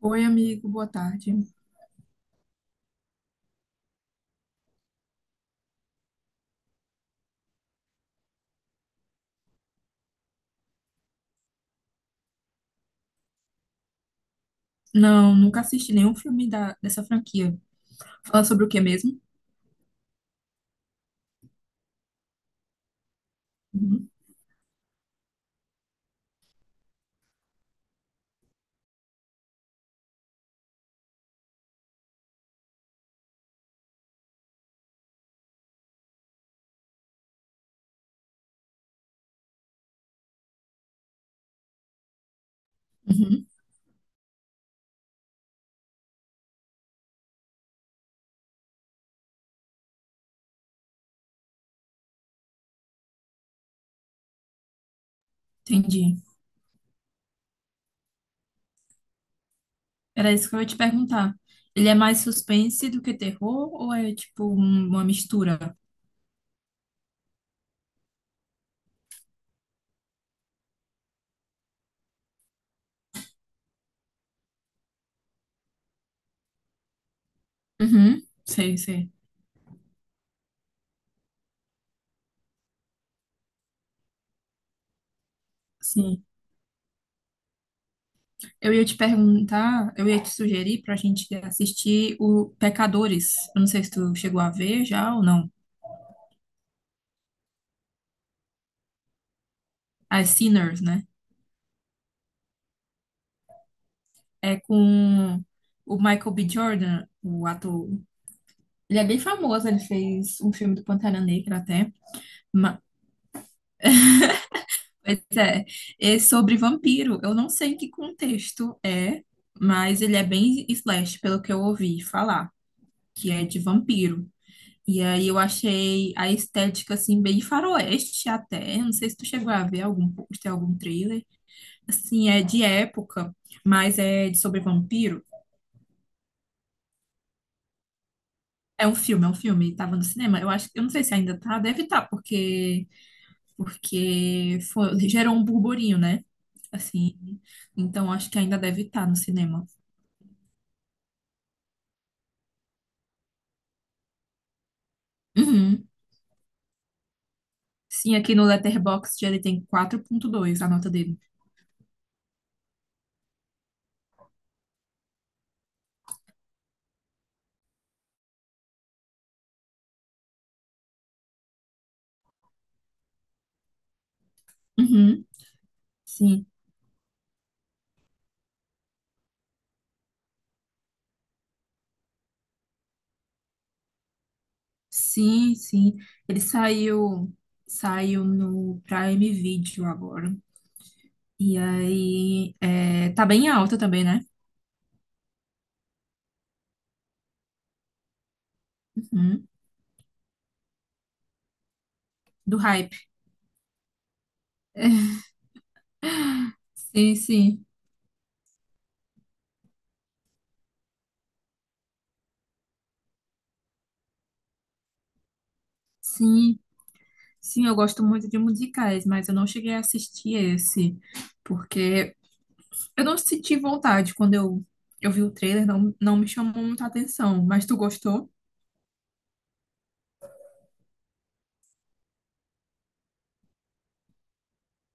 Oi, amigo, boa tarde. Não, nunca assisti nenhum filme dessa franquia. Fala sobre o que mesmo? Uhum, uhum, entendi. Era isso que eu ia te perguntar. Ele é mais suspense do que terror ou é tipo uma mistura? Uhum, sei, sei. Sim. Eu ia te sugerir pra gente assistir o Pecadores. Eu não sei se tu chegou a ver já ou não. As Sinners, né? É com o Michael B. Jordan, o ator. Ele é bem famoso, ele fez um filme do Pantera Negra até. ma- Pois é, é sobre vampiro. Eu não sei em que contexto é, mas ele é bem slash, pelo que eu ouvi falar, que é de vampiro. E aí eu achei a estética, assim, bem faroeste até. Não sei se tu chegou a ver algum pôster, algum trailer. Assim, é de época, mas é de sobre vampiro. É um filme, é um filme. Tava no cinema. Eu acho, eu não sei se ainda tá, deve estar, porque gerou um burburinho, né? Assim, então acho que ainda deve estar no cinema. Uhum. Sim, aqui no Letterboxd ele tem 4.2 a nota dele. Uhum. Sim, sim, sim. Ele saiu no Prime Video agora. E aí, é, tá bem alta também, né? Uhum. Do hype. Sim, sim, sim, sim, eu gosto muito de musicais, mas eu não cheguei a assistir esse, porque Eu não senti vontade quando eu vi o trailer, não, não me chamou muita atenção. Mas tu gostou?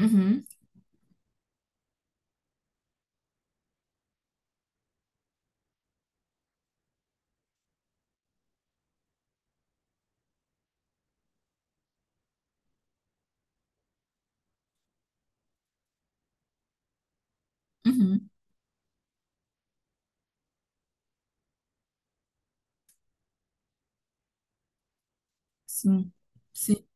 Uhum, uhum, sim, sim,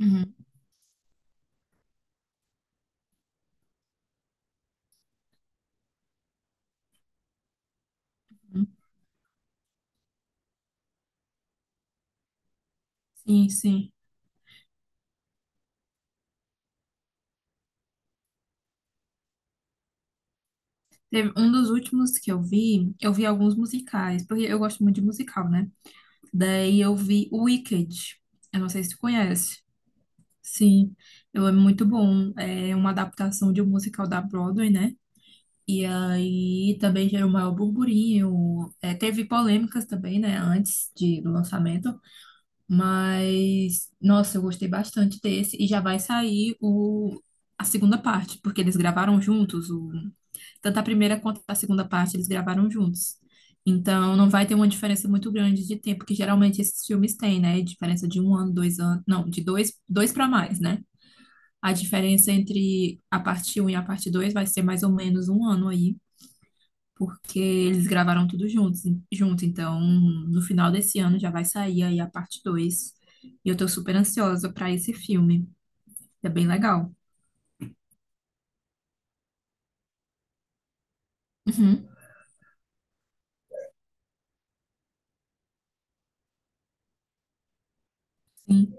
uhum, uhum, sim, sim. Teve um dos últimos que eu vi alguns musicais, porque eu gosto muito de musical, né? Daí eu vi o Wicked. Eu não sei se tu conhece. Sim, eu é muito bom. É uma adaptação de um musical da Broadway, né? E aí também gerou o maior burburinho. É, teve polêmicas também, né? Antes do lançamento. Mas, nossa, eu gostei bastante desse. E já vai sair a segunda parte, porque eles gravaram juntos. Tanto a primeira quanto a segunda parte, eles gravaram juntos. Então, não vai ter uma diferença muito grande de tempo, que geralmente esses filmes têm, né? Diferença de um ano, dois anos. Não, de dois, dois para mais, né? A diferença entre a parte um e a parte 2 vai ser mais ou menos um ano aí porque eles gravaram tudo juntos, junto. Então, no final desse ano já vai sair aí a parte 2. E eu tô super ansiosa pra esse filme. É bem legal. Uhum, sim,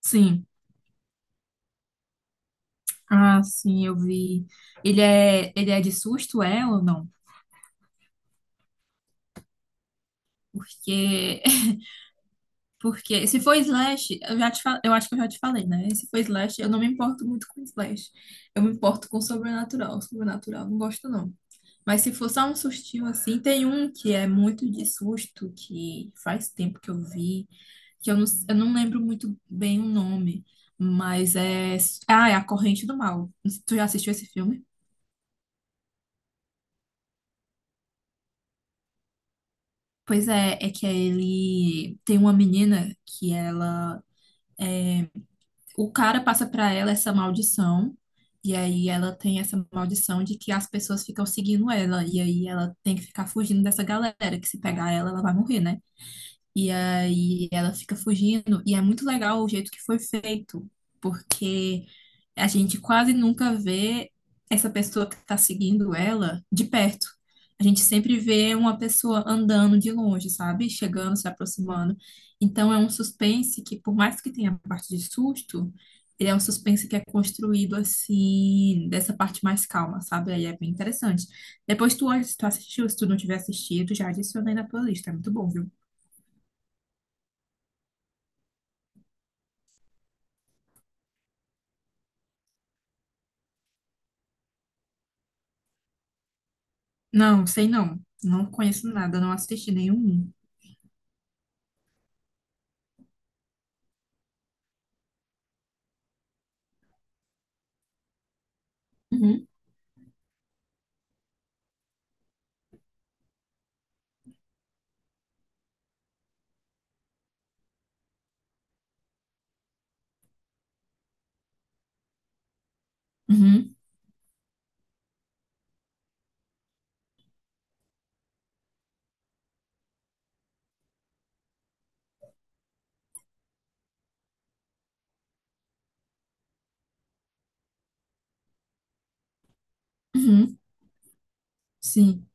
sim. Ah, sim, eu vi. Ele é de susto, é ou não? Porque porque se for slash, eu eu acho que eu já te falei, né? Se for slash, eu não me importo muito com slash. Eu me importo com sobrenatural. Sobrenatural, não gosto não. Mas se for só um sustinho assim, tem um que é muito de susto, que faz tempo que eu vi, que eu não lembro muito bem o nome, mas é. Ah, é A Corrente do Mal. Tu já assistiu esse filme? Pois é, é que ele tem uma menina que ela. O cara passa pra ela essa maldição, e aí ela tem essa maldição de que as pessoas ficam seguindo ela, e aí ela tem que ficar fugindo dessa galera, que se pegar ela, ela vai morrer, né? E aí ela fica fugindo. E é muito legal o jeito que foi feito, porque a gente quase nunca vê essa pessoa que está seguindo ela de perto. A gente sempre vê uma pessoa andando de longe, sabe? Chegando, se aproximando. Então é um suspense que, por mais que tenha a parte de susto, ele é um suspense que é construído assim, dessa parte mais calma, sabe? Aí é bem interessante. Depois tu assistiu, se tu não tiver assistido, já adicionei na tua lista. É muito bom, viu? Não, sei não. Não conheço nada, não assisti nenhum. Uhum. Uhum, uhum, sim,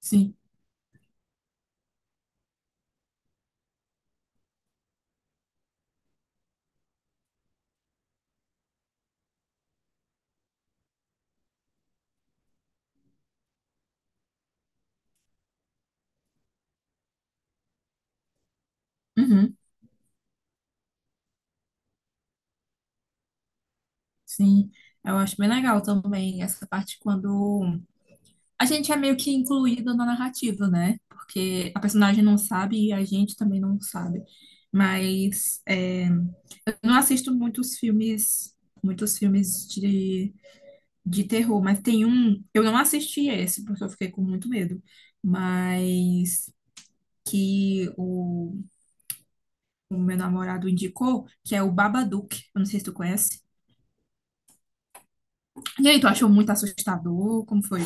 sim, uhum, sim. Eu acho bem legal também essa parte quando a gente é meio que incluído na narrativa, né? Porque a personagem não sabe e a gente também não sabe. Mas é, eu não assisto muitos filmes, muitos filmes de, de terror, mas tem um, eu não assisti esse porque eu fiquei com muito medo, mas que o meu namorado indicou, que é o Babadook. Eu não sei se tu conhece. E aí, tu achou muito assustador? Como foi?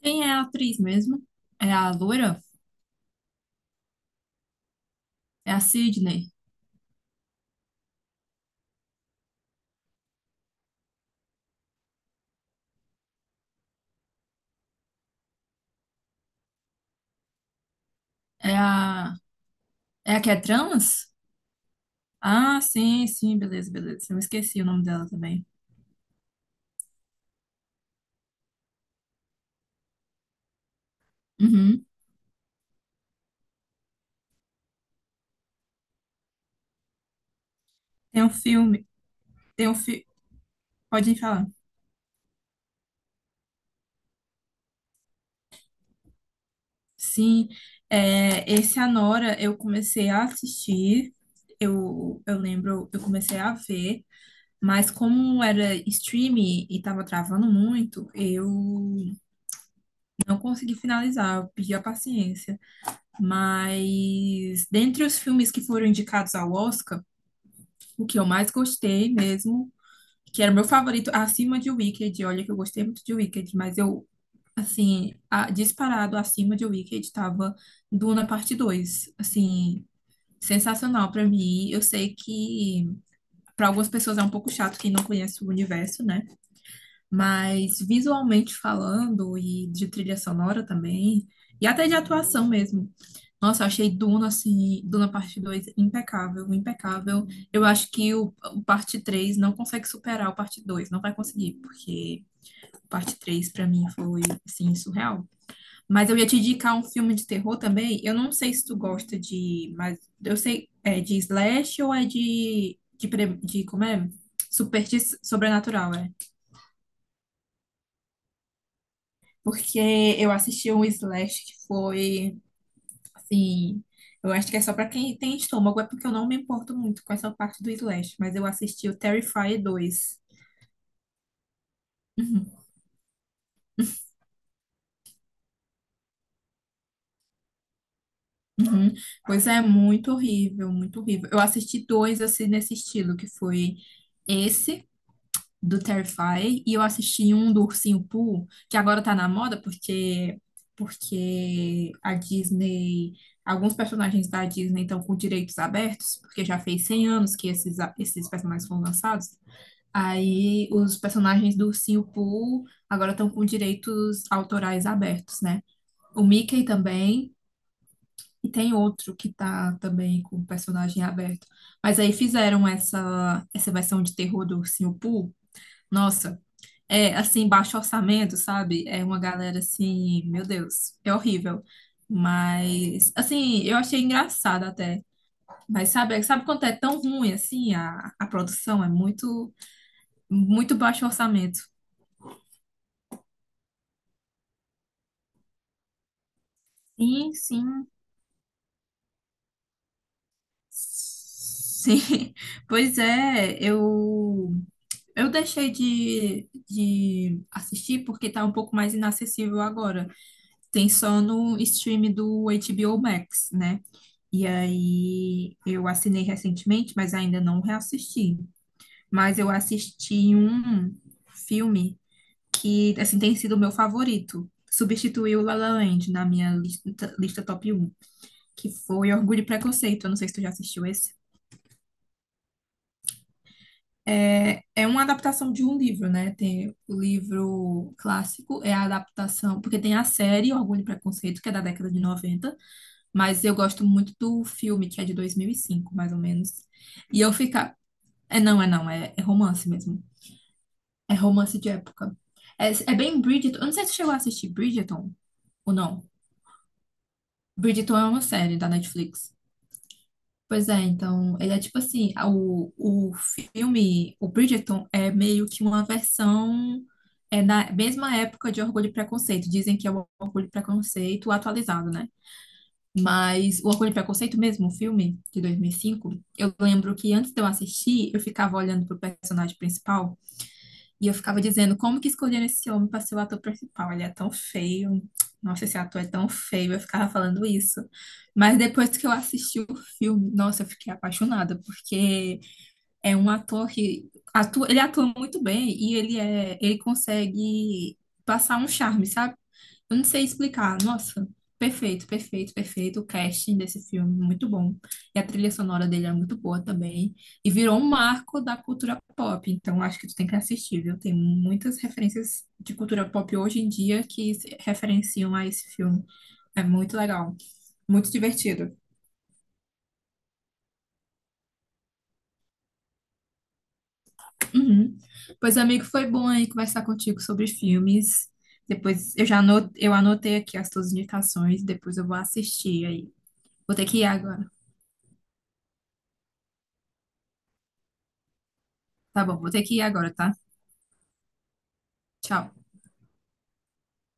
Quem é a atriz mesmo? É a loira? É a Sydney? É a... É a que é trans? Ah, sim, sim, beleza, beleza. Eu esqueci o nome dela também. Uhum. Tem um filme, tem um filme... Pode ir falar. Sim, é, esse Anora eu comecei a assistir, eu lembro, eu comecei a ver, mas como era streaming e tava travando muito, eu não consegui finalizar, eu pedi a paciência. Mas dentre os filmes que foram indicados ao Oscar, o que eu mais gostei mesmo, que era o meu favorito acima de Wicked, olha que eu gostei muito de Wicked, mas eu assim, disparado acima de Wicked tava Duna Parte Dois, assim, sensacional pra mim. Eu sei que pra algumas pessoas é um pouco chato quem não conhece o universo, né? Mas visualmente falando, e de trilha sonora também, e até de atuação mesmo. Nossa, eu achei Duna, assim, Duna Parte dois impecável, impecável. Eu acho que o Parte 3 não consegue superar o Parte 2 não vai conseguir, porque o Parte 3 pra mim foi, assim, surreal. Mas eu ia te indicar um filme de terror também, eu não sei se tu gosta de, mas eu sei, é de slash ou é de como é? Superti sobrenatural, é. Porque eu assisti um Slash que foi, assim, eu acho que é só pra quem tem estômago, é porque eu não me importo muito com essa parte do Slash, mas eu assisti o Terrifier 2. Uhum, uhum. Pois é, muito horrível, muito horrível. Eu assisti dois, assim, nesse estilo, que foi esse do Terrify e eu assisti um do Ursinho Pooh, que agora tá na moda porque a Disney, alguns personagens da Disney estão com direitos abertos, porque já fez 100 anos que esses personagens foram lançados. Aí os personagens do Ursinho Pooh agora estão com direitos autorais abertos, né? O Mickey também e tem outro que tá também com personagem aberto. Mas aí fizeram essa versão de terror do Ursinho Pooh. Nossa, é, assim, baixo orçamento, sabe? É uma galera assim, meu Deus, é horrível. Mas, assim, eu achei engraçado até. Mas sabe, sabe quando é tão ruim assim a produção? É muito, muito baixo orçamento. Sim, sim. Sim. Pois é, eu deixei de assistir porque tá um pouco mais inacessível agora. Tem só no stream do HBO Max, né? E aí eu assinei recentemente, mas ainda não reassisti. Mas eu assisti um filme que assim tem sido o meu favorito. Substituiu o La La Land na minha lista, lista top um, que foi Orgulho e Preconceito. Eu não sei se tu já assistiu esse. É, é uma adaptação de um livro, né? Tem o livro clássico, é a adaptação, porque tem a série Orgulho e Preconceito, que é da década de 90, mas eu gosto muito do filme, que é de 2005, mais ou menos. E eu fica, é, não, é não, é, é romance mesmo. É romance de época. É, é bem Bridgerton. Eu não sei se você chegou a assistir Bridgerton ou não. Bridgerton é uma série da Netflix. Pois é, então, ele é tipo assim, o filme, o Bridgerton é meio que uma versão é na mesma época de Orgulho e Preconceito. Dizem que é o Orgulho e Preconceito atualizado, né? Mas o Orgulho e Preconceito mesmo, o filme de 2005, eu lembro que antes de eu assistir, eu ficava olhando pro personagem principal. E eu ficava dizendo, como que escolheram esse homem para ser o ator principal? Ele é tão feio. Nossa, esse ator é tão feio. Eu ficava falando isso. Mas depois que eu assisti o filme, nossa, eu fiquei apaixonada, porque é um ator que atua, ele atua muito bem e ele consegue passar um charme, sabe? Eu não sei explicar. Nossa, perfeito, perfeito, perfeito. O casting desse filme, muito bom. E a trilha sonora dele é muito boa também. E virou um marco da cultura pop. Então, acho que tu tem que assistir, viu? Tem muitas referências de cultura pop hoje em dia que se referenciam a esse filme. É muito legal, muito divertido. Uhum. Pois, amigo, foi bom aí conversar contigo sobre filmes. Depois eu anotei aqui as tuas indicações, depois eu vou assistir aí. Vou ter que ir agora. Tá bom, vou ter que ir agora, tá? Tchau.